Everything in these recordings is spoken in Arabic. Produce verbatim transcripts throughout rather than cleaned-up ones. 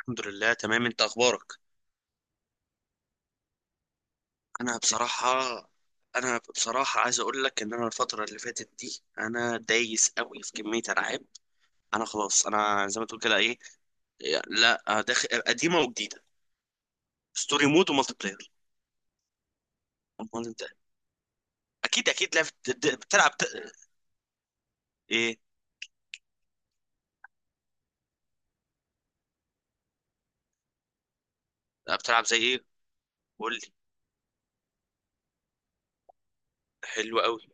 الحمد لله، تمام. انت اخبارك؟ انا بصراحه انا بصراحه عايز اقول لك ان انا الفتره اللي فاتت دي انا دايس قوي في كميه العاب. انا خلاص، انا زي ما تقول كده، ايه. لا، داخل قديمه وجديده. ستوري مود ومالتي بلاير. امال انت؟ اكيد اكيد لعبت، بتلعب ايه؟ لا، بتلعب زي ايه؟ قول لي. حلو قوي.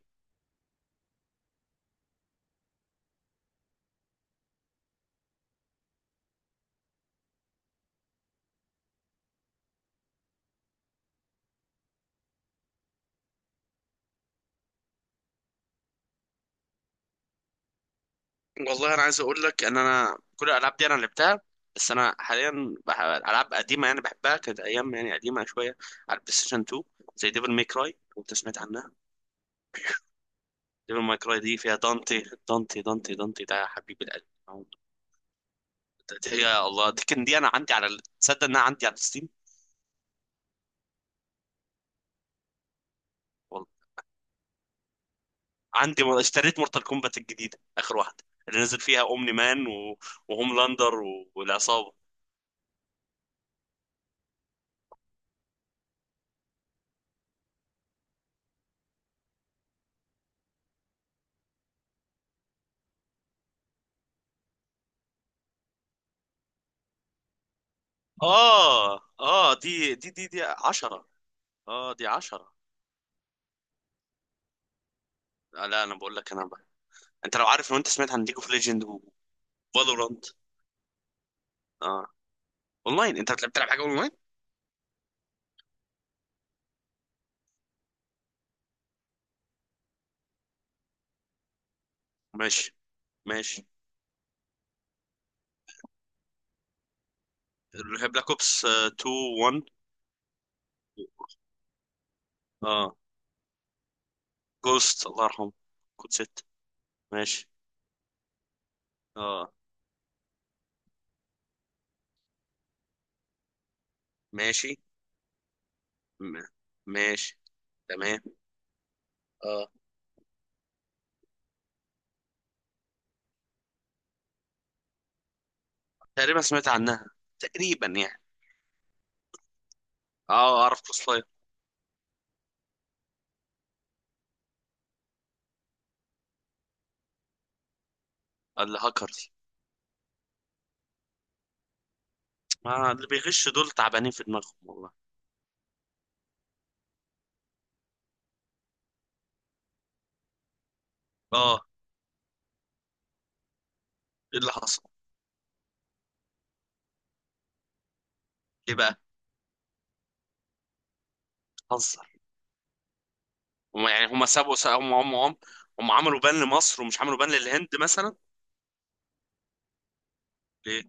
والله انا عايز اقول لك ان انا كل الالعاب دي انا لعبتها، بس انا حاليا بح- العاب قديمه يعني بحبها، كانت ايام يعني قديمه شويه، على البلاي ستيشن اتنين. زي ديفل ماي كراي، انت سمعت عنها؟ ديفل ماي كراي دي فيها دانتي. دانتي دانتي دانتي ده حبيب القلب أو- ده- ده- يا الله، دي كان دي انا عندي على ال- تصدق انها عندي على الستيم. والله عندي م- اشتريت مورتال كومبات الجديده، اخر واحده، اللي نزل فيها اومني مان و... وهوملاندر و... والعصابه. اه، اه، دي دي دي دي عشرة. اه، دي عشرة. آه، لا انا بقول لك انا بقى. انت لو عارف لو انت سمعت عن ليج اوف ليجند وفالورانت؟ اه. اونلاين؟ انت بتلعب بتلعب حاجه اونلاين؟ ماشي. ماشي. بلاك اوبس اتنين، واحد. اه، جوست، الله يرحمه. كود ستة. ماشي. اه. ماشي. م- ماشي. تمام. اه، تقريبا سمعت عنها، تقريبا يعني. اه، اعرف كروس فاير. الهاكرز. ما اللي بيغش دول تعبانين في دماغهم، والله. اه. ايه اللي حصل؟ ليه بقى؟ حظ. هم يعني، هم سابوا، هم هم هم هم عملوا بان لمصر، ومش عملوا بان للهند مثلا. ليه؟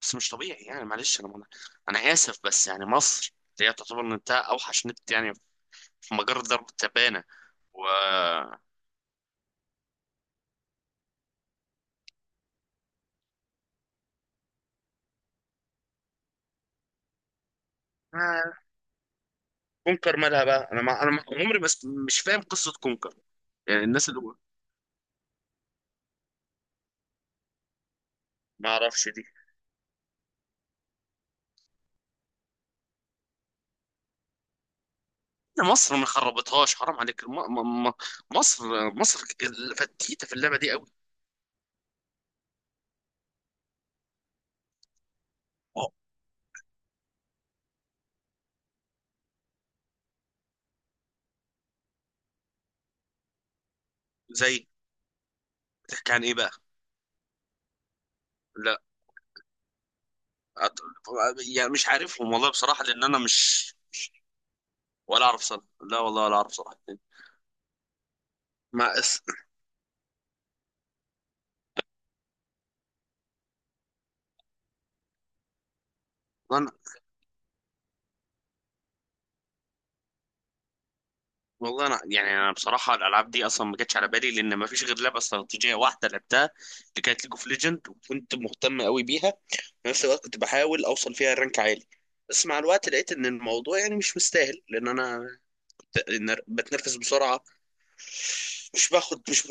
بس مش طبيعي، يعني معلش انا، انا اسف، بس يعني مصر، اللي هي تعتبر نت، اوحش نت يعني في مجرة ضرب التبانة. و آه، كونكر مالها بقى؟ انا ما... انا ما- عمري، بس مش فاهم قصة كونكر. يعني الناس اللي... ما اعرفش دي. إن مصر ما خربتهاش؟ حرام عليك. م... م... م... مصر، مصر فتيتة في اللعبة دي قوي. أوه. زي... بتحكي عن ايه بقى؟ أت- يعني مش عارفهم والله بصراحة، لأن أنا مش... ولا أعرف صراحة. لا والله ولا أعرف صراحة. ما أس... أنا... والله أنا يعني أنا بصراحة الألعاب دي أصلا ما جاتش على بالي، لأن ما فيش غير لعبة استراتيجية واحدة لعبتها، اللي كانت ليج اوف ليجند، وكنت مهتم قوي بيها. في نفس الوقت كنت بحاول أوصل فيها رانك عالي، بس مع الوقت لقيت إن الموضوع يعني مش مستاهل، لأن أنا كنت- إن بتنفس بسرعة، مش باخد، مش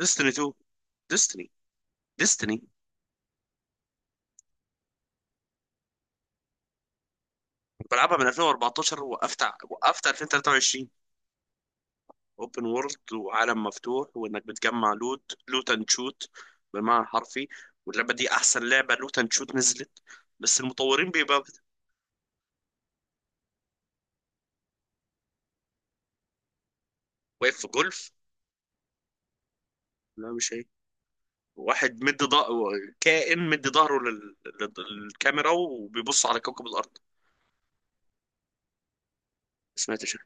ديستني اتنين. ديستني. ديستني. بلعبها من الفين واربعتاشر، وقفت ع- وقفت الفين وتلاتة وعشرين. اوبن وورلد، وعالم مفتوح، وانك بتجمع لوت لوت اند شوت بالمعنى الحرفي، واللعبه دي احسن لعبه لوت اند شوت نزلت. بس المطورين بيبقى... واقف في جولف. لا، مش هي. واحد مد ضهر، كائن مد ظهره لل... لل- للكاميرا وبيبص على كوكب الارض. سمعت شيء.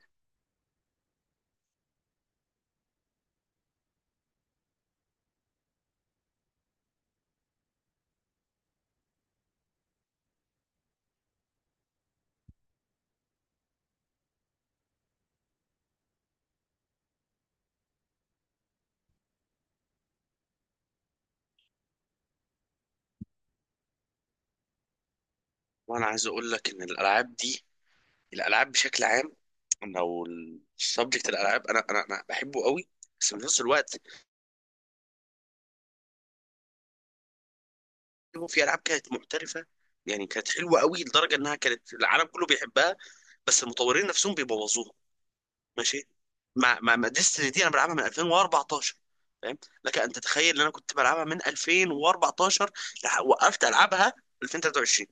وانا عايز اقول لك ان الالعاب دي، الالعاب بشكل عام، لو السبجكت الالعاب، انا انا انا بحبه قوي. بس في نفس الوقت في العاب كانت محترفه، يعني كانت حلوه قوي لدرجه انها كانت العالم كله بيحبها، بس المطورين نفسهم بيبوظوها. ماشي. مع مع مع ديستني دي انا بلعبها من الفين واربعتاشر، فاهم؟ لك ان تتخيل ان انا كنت بلعبها من الفين واربعتاشر، لح- وقفت العبها الفين وتلاتة وعشرين.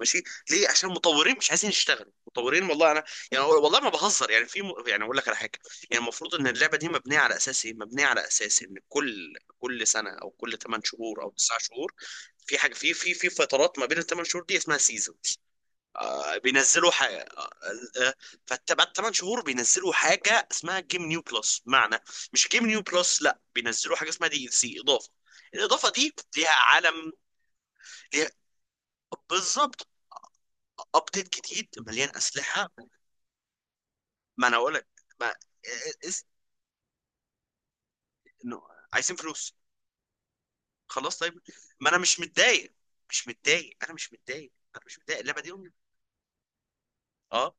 ماشي. ليه؟ عشان المطورين مش عايزين يشتغلوا مطورين. والله انا يعني والله ما بهزر، يعني في م... يعني اقول لك على حاجه. يعني المفروض ان اللعبه دي مبنيه على اساس ايه؟ مبنيه على اساس ان كل كل سنه او كل تمن شهور او تسعة شهور في حاجه. في في في فترات ما بين الثمان شهور دي اسمها سيزون. آه، بينزلوا حاجه آه، فبعد تمانية شهور بينزلوا حاجه اسمها جيم نيو بلس، بمعنى... مش جيم نيو بلس، لا، بينزلوا حاجه اسمها دي ال سي، اضافه. الاضافه دي ليها عالم، ليها... بالظبط، ابديت جديد مليان اسلحه. ما انا اقول لك. ما إيه، إس... إنه عايزين فلوس. خلاص طيب، ما انا مش متضايق، مش متضايق، انا مش متضايق، انا مش متضايق اللعبه دي أم- اه.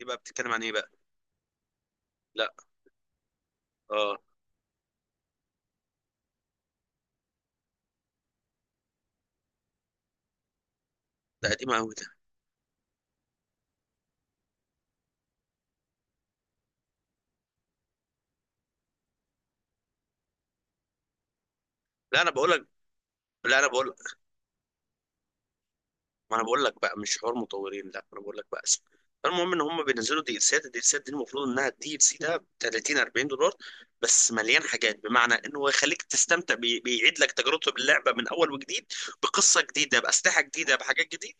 يبقى بتتكلم عن ايه بقى؟ لا. اه. ده قديمه قوي ده. لا انا بقول لك، لا انا بقول ما انا بقول لك بقى، مش حوار مطورين. لا انا بقول لك بقى اسم. المهم ان هم بينزلوا دي السات الدي السات دي، المفروض انها الدي ال سي ده ب تلاتين اربعين دولار، بس مليان حاجات بمعنى انه هو يخليك تستمتع بي... بيعيد لك تجربته باللعبه من اول وجديد، بقصه جديده، باسلحه جديده، بحاجات جديده،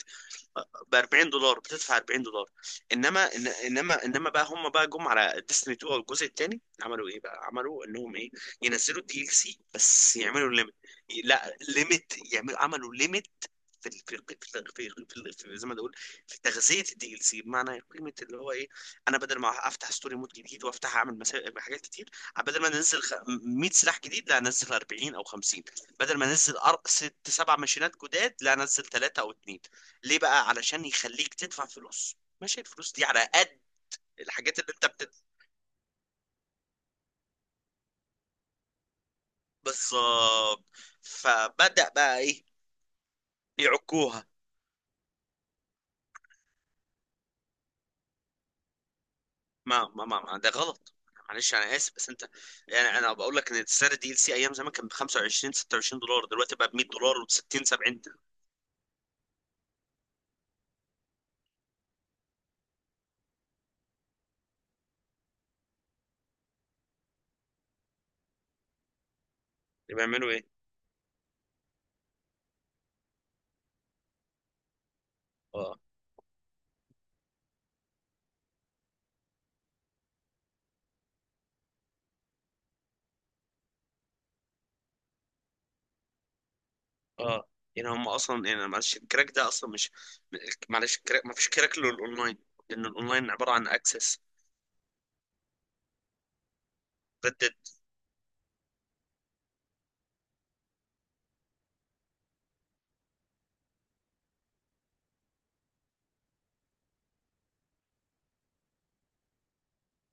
ب اربعين دولار، بتدفع اربعين دولار. انما إن- انما انما بقى، هم بقى، جم على ديستني اتنين، او الجزء الثاني، عملوا ايه بقى؟ عملوا انهم ايه؟ ينزلوا الدي ال سي بس يعملوا ليميت. لا، ليميت، يعملوا عملوا ليميت في ال- في ال- في ال- في ال- في ال- في- زي ما بقول، في تغذيه الدي ال سي، بمعنى قيمه اللي هو ايه. انا بدل ما افتح ستوري مود جديد، وافتح اعمل مسا... حاجات كتير، بدل ما انزل خ- مية سلاح جديد، لا انزل اربعين او خمسين. بدل ما انزل أر- ست سبع ماشينات جداد، لا انزل ثلاثه او اثنين. ليه بقى؟ علشان يخليك تدفع فلوس، ماشي، الفلوس دي على قد الحاجات اللي انت بتدفع. بالظبط. فبدأ بقى ايه؟ يعكوها. ما ما ما, ما ده غلط، معلش انا اسف، بس انت. يعني انا بقول لك ان السعر الدي ال سي ايام زمان كان ب خمسة وعشرين ستة وعشرين دولار، دلوقتي بقى ب مية دولار وستين سبعين. اللي بيعملوا ايه؟ اه، اه، يعني هم اصلا، يعني معلش الكراك ده اصلا مش... معلش الكراك، ما فيش كراك للاونلاين، لان الاونلاين عباره عن اكسس. ردد.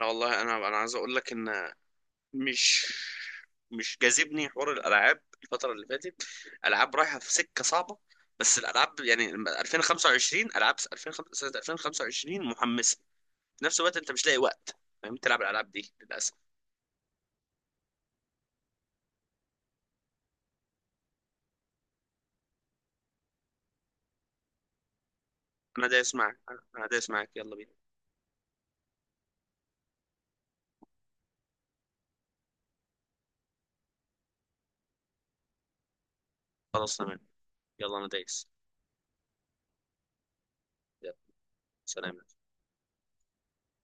والله انا انا عايز اقول لك ان مش... مش جاذبني حوار الالعاب الفتره اللي فاتت. العاب رايحه في سكه صعبه. بس الالعاب يعني لما الفين وخمسة وعشرين، العاب الفين وخمسة، سنه الفين وخمسة وعشرين محمسه، في نفس الوقت انت مش لاقي وقت، فاهم، تلعب الالعاب دي للاسف. انا دايس معك، انا دايس معك، يلا بينا. خلاص تمام، يلا انا دايس. يلا. سلام.